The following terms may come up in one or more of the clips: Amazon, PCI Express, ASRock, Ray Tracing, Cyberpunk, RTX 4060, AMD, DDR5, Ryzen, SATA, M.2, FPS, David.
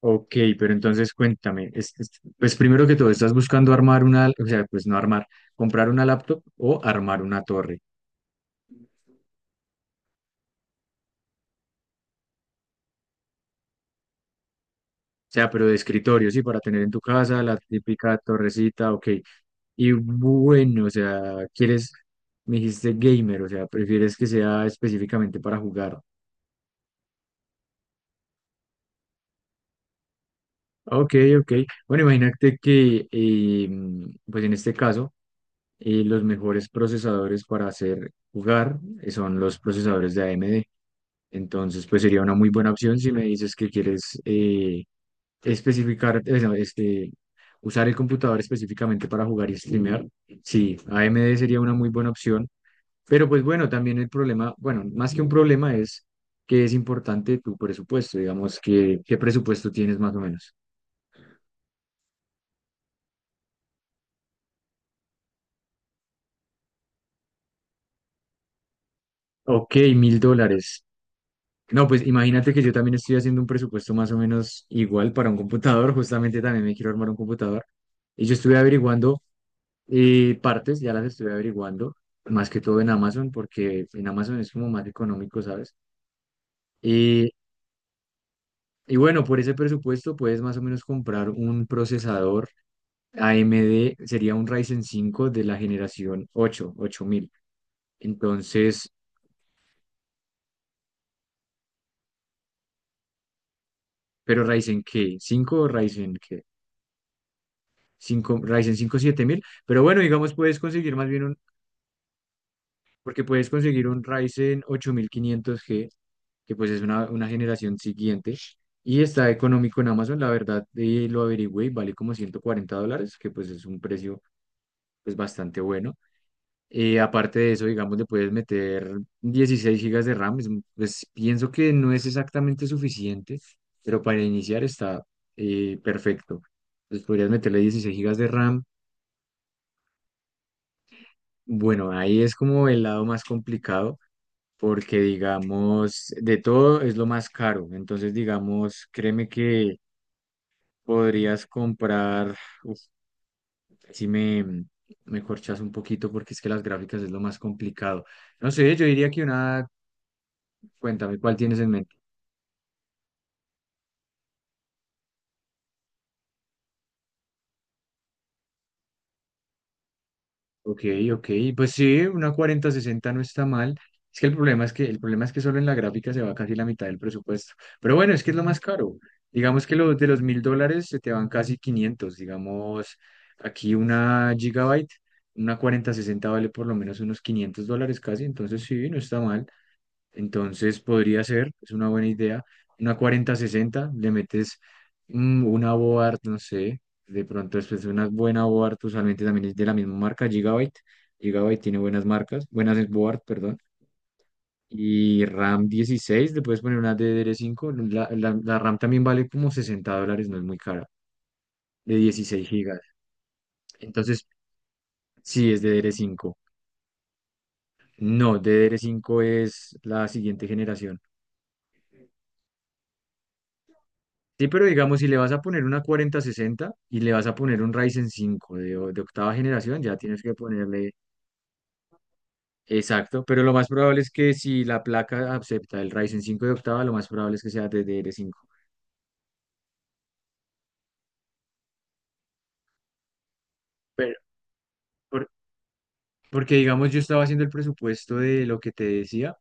Ok, pero entonces cuéntame, pues primero que todo, ¿estás buscando armar una, o sea, pues no armar, comprar una laptop o armar una torre? O sea, pero de escritorio, sí, para tener en tu casa la típica torrecita, ok. Y bueno, o sea, quieres, me dijiste gamer, o sea, prefieres que sea específicamente para jugar. Ok, ok. Bueno, imagínate que, pues en este caso, los mejores procesadores para hacer jugar son los procesadores de AMD. Entonces, pues sería una muy buena opción si me dices que quieres especificar, no, este, usar el computador específicamente para jugar y streamear. Sí, AMD sería una muy buena opción, pero pues bueno, también el problema, bueno, más que un problema es que es importante tu presupuesto, digamos, que, qué presupuesto tienes más o menos. Ok, $1000. No, pues imagínate que yo también estoy haciendo un presupuesto más o menos igual para un computador, justamente también me quiero armar un computador. Y yo estuve averiguando. Y partes ya las estoy averiguando, más que todo en Amazon, porque en Amazon es como más económico, ¿sabes? Y, y bueno, por ese presupuesto puedes más o menos comprar un procesador AMD, sería un Ryzen 5 de la generación 8, 8000. Entonces, pero Ryzen qué, 5 o Ryzen qué, 5, Ryzen 5 7000, pero bueno, digamos puedes conseguir más bien un, porque puedes conseguir un Ryzen 8500G que pues es una generación siguiente. Y está económico en Amazon, la verdad, lo averigüé y vale como $140, que pues es un precio pues bastante bueno. Aparte de eso, digamos, le puedes meter 16 gigas de RAM, es pues pienso que no es exactamente suficiente, pero para iniciar está perfecto. Pues podrías meterle dieciséis gigas de RAM. Bueno, ahí es como el lado más complicado porque digamos, de todo es lo más caro. Entonces, digamos, créeme que podrías comprar, uf, si me, me corchas un poquito porque es que las gráficas es lo más complicado. No sé, yo diría que una, cuéntame, ¿cuál tienes en mente? Ok, ok, pues sí, una cuarenta sesenta no está mal. Es que el problema es que, el problema es que solo en la gráfica se va casi la mitad del presupuesto. Pero bueno, es que es lo más caro. Digamos que los de los $1000 se te van casi quinientos. Digamos, aquí una gigabyte, una cuarenta sesenta vale por lo menos unos $500 casi, entonces sí, no está mal. Entonces podría ser, es una buena idea. Una 40-60, le metes una board, no sé, de pronto después de una buena board, usualmente también es de la misma marca, Gigabyte. Gigabyte tiene buenas marcas, buenas board, perdón. Y RAM 16, le puedes poner una DDR5. La RAM también vale como $60, no es muy cara, de 16 gigas. Entonces, sí, es DDR5. No, DDR5 es la siguiente generación. Sí, pero digamos, si le vas a poner una 4060 y le vas a poner un Ryzen 5 de, o- de octava generación, ya tienes que ponerle exacto. Pero lo más probable es que si la placa acepta el Ryzen 5 de octava, lo más probable es que sea DDR5. Pero, por- porque digamos, yo estaba haciendo el presupuesto de lo que te decía.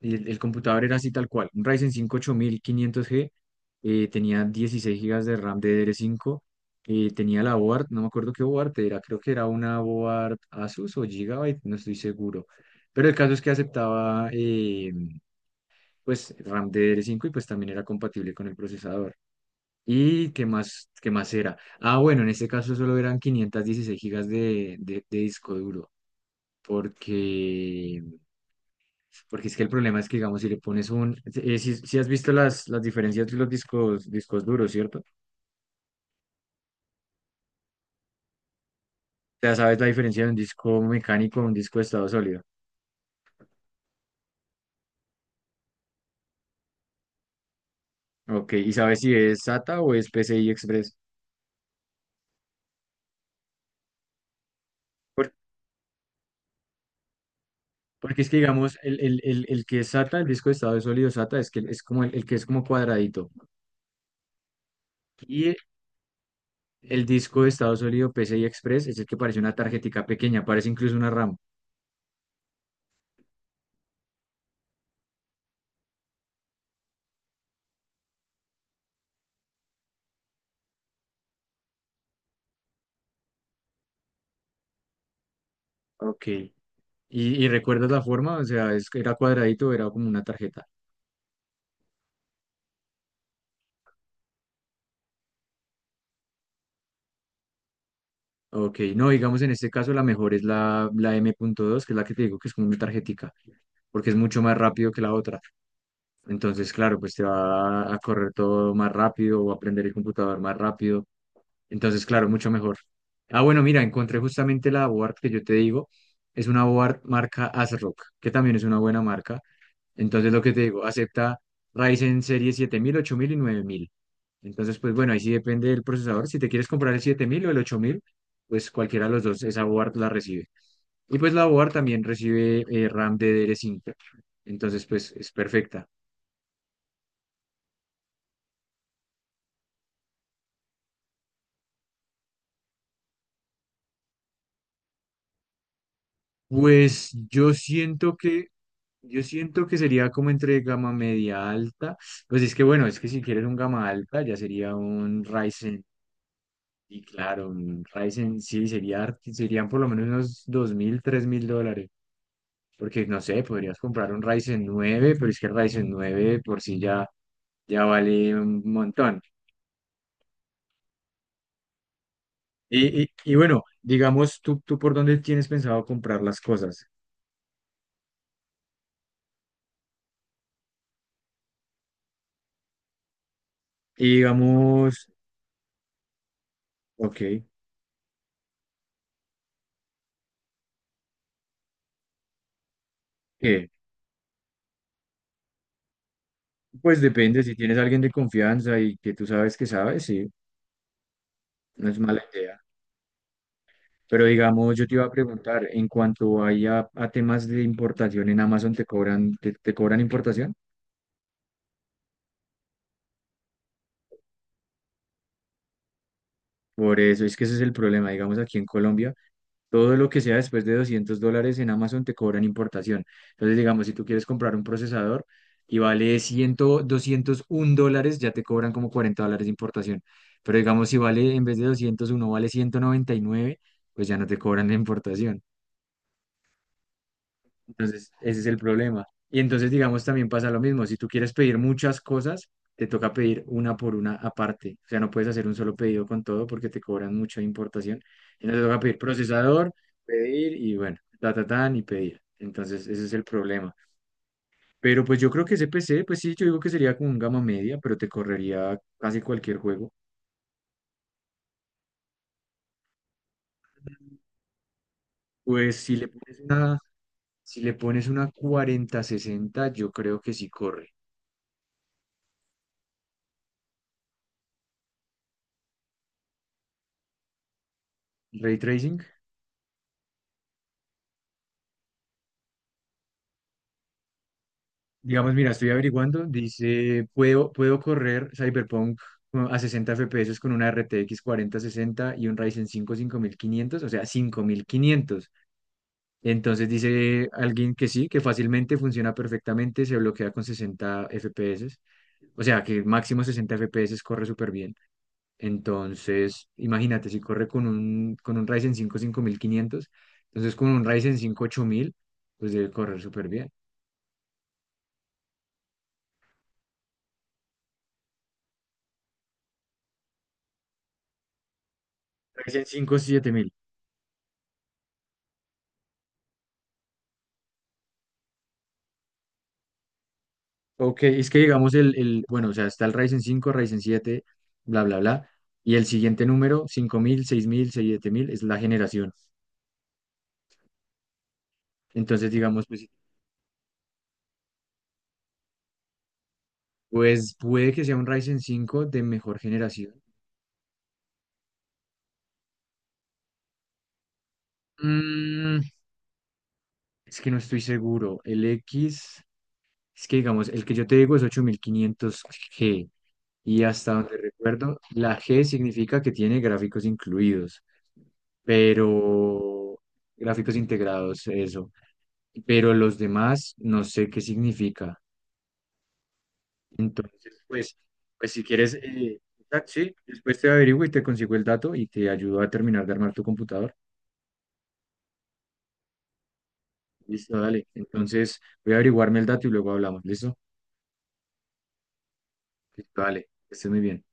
Y el computador era así tal cual, un Ryzen 5 8500G, tenía 16 gigas de RAM DDR5, tenía la board, no me acuerdo qué board era, creo que era una board Asus o Gigabyte, no estoy seguro. Pero el caso es que aceptaba pues RAM DDR5 y pues también era compatible con el procesador. ¿Y qué más era? Ah, bueno, en este caso solo eran 516 gigas de, de disco duro porque porque es que el problema es que, digamos, si le pones un... si, si has visto las diferencias de los discos, discos duros, ¿cierto? Ya sabes la diferencia de un disco mecánico a un disco de estado sólido. Ok, y sabes si es SATA o es PCI Express. Por- porque es que, digamos, el que es SATA, el disco de estado sólido SATA, es, que es como el que es como cuadradito. Y el disco de estado sólido PCI Express es el que parece una tarjetica pequeña, parece incluso una RAM. Ok. Y recuerdas la forma, o sea, es, era cuadradito, era como una tarjeta. Ok, no, digamos en este caso la mejor es la, la M.2, que es la que te digo que es como una tarjetica, porque es mucho más rápido que la otra. Entonces, claro, pues te va a correr todo más rápido o a aprender el computador más rápido. Entonces, claro, mucho mejor. Ah, bueno, mira, encontré justamente la board que yo te digo. Es una board marca ASRock, que también es una buena marca. Entonces, lo que te digo, acepta Ryzen serie siete mil ocho mil y nueve mil. Entonces, pues bueno, ahí sí depende del procesador. Si te quieres comprar el 7000 o el 8000 pues cualquiera de los dos, esa board la recibe. Y pues la board también recibe RAM ddr cinco. Entonces, pues es perfecta. Pues yo siento que sería como entre gama media alta. Pues es que bueno, es que si quieres un gama alta, ya sería un Ryzen. Y claro, un Ryzen sí sería, serían por lo menos unos dos mil tres mil dólares. Porque no sé, podrías comprar un Ryzen nueve pero es que el Ryzen nueve por sí ya, ya vale un montón. Y bueno, digamos, ¿tú, tú por dónde tienes pensado comprar las cosas? Y digamos, ok, ¿qué? Pues depende, si tienes a alguien de confianza y que tú sabes que sabes, sí, no es mala idea. Pero digamos, yo te iba a preguntar, en cuanto hay a temas de importación en Amazon, ¿te cobran, te cobran importación? Por eso es que ese es el problema, digamos, aquí en Colombia, todo lo que sea después de $200 en Amazon te cobran importación. Entonces, digamos, si tú quieres comprar un procesador y vale cien, doscientos $201, ya te cobran como $40 de importación. Pero digamos, si vale, en vez de 201 vale ciento noventa y nueve, pues ya no te cobran la importación. Entonces, ese es el problema. Y entonces, digamos, también pasa lo mismo. Si tú quieres pedir muchas cosas, te toca pedir una por una aparte. O sea, no puedes hacer un solo pedido con todo porque te cobran mucha importación. Y no te toca pedir procesador, pedir y bueno, ta, ta, tan y pedir. Entonces, ese es el problema. Pero pues yo creo que ese PC, pues sí, yo digo que sería como un gama media, pero te correría casi cualquier juego. Pues si le pones una, si le pones una cuarenta sesenta yo creo que sí corre. Ray Tracing. Digamos, mira, estoy averiguando, dice, puedo, puedo correr Cyberpunk a 60 FPS con una RTX 4060 y un Ryzen 5 5500, o sea, 5500. Entonces dice alguien que sí, que fácilmente funciona perfectamente, se bloquea con 60 FPS, o sea, que máximo 60 FPS corre súper bien. Entonces, imagínate, si corre con un Ryzen 5 5500, entonces con un Ryzen 5 8000, pues debe correr súper bien. Ryzen 5 7000. Ok, es que digamos el, bueno, o sea, está el Ryzen cinco, Ryzen siete, bla, bla, bla, y el siguiente número, cinco mil, seis mil, siete mil es la generación. Entonces, digamos, pues, pues puede que sea un Ryzen cinco de mejor generación. Mm, es que no estoy seguro. El X, es que digamos, el que yo te digo es ocho mil quinientos g y hasta donde recuerdo, la G significa que tiene gráficos incluidos, pero gráficos integrados, eso. Pero los demás no sé qué significa. Entonces, pues, pues si quieres, ah, sí, después te averiguo y te consigo el dato y te ayudo a terminar de armar tu computador. Listo, dale. Entonces, voy a averiguarme el dato y luego hablamos. ¿Listo? Listo, dale. Que estés muy bien.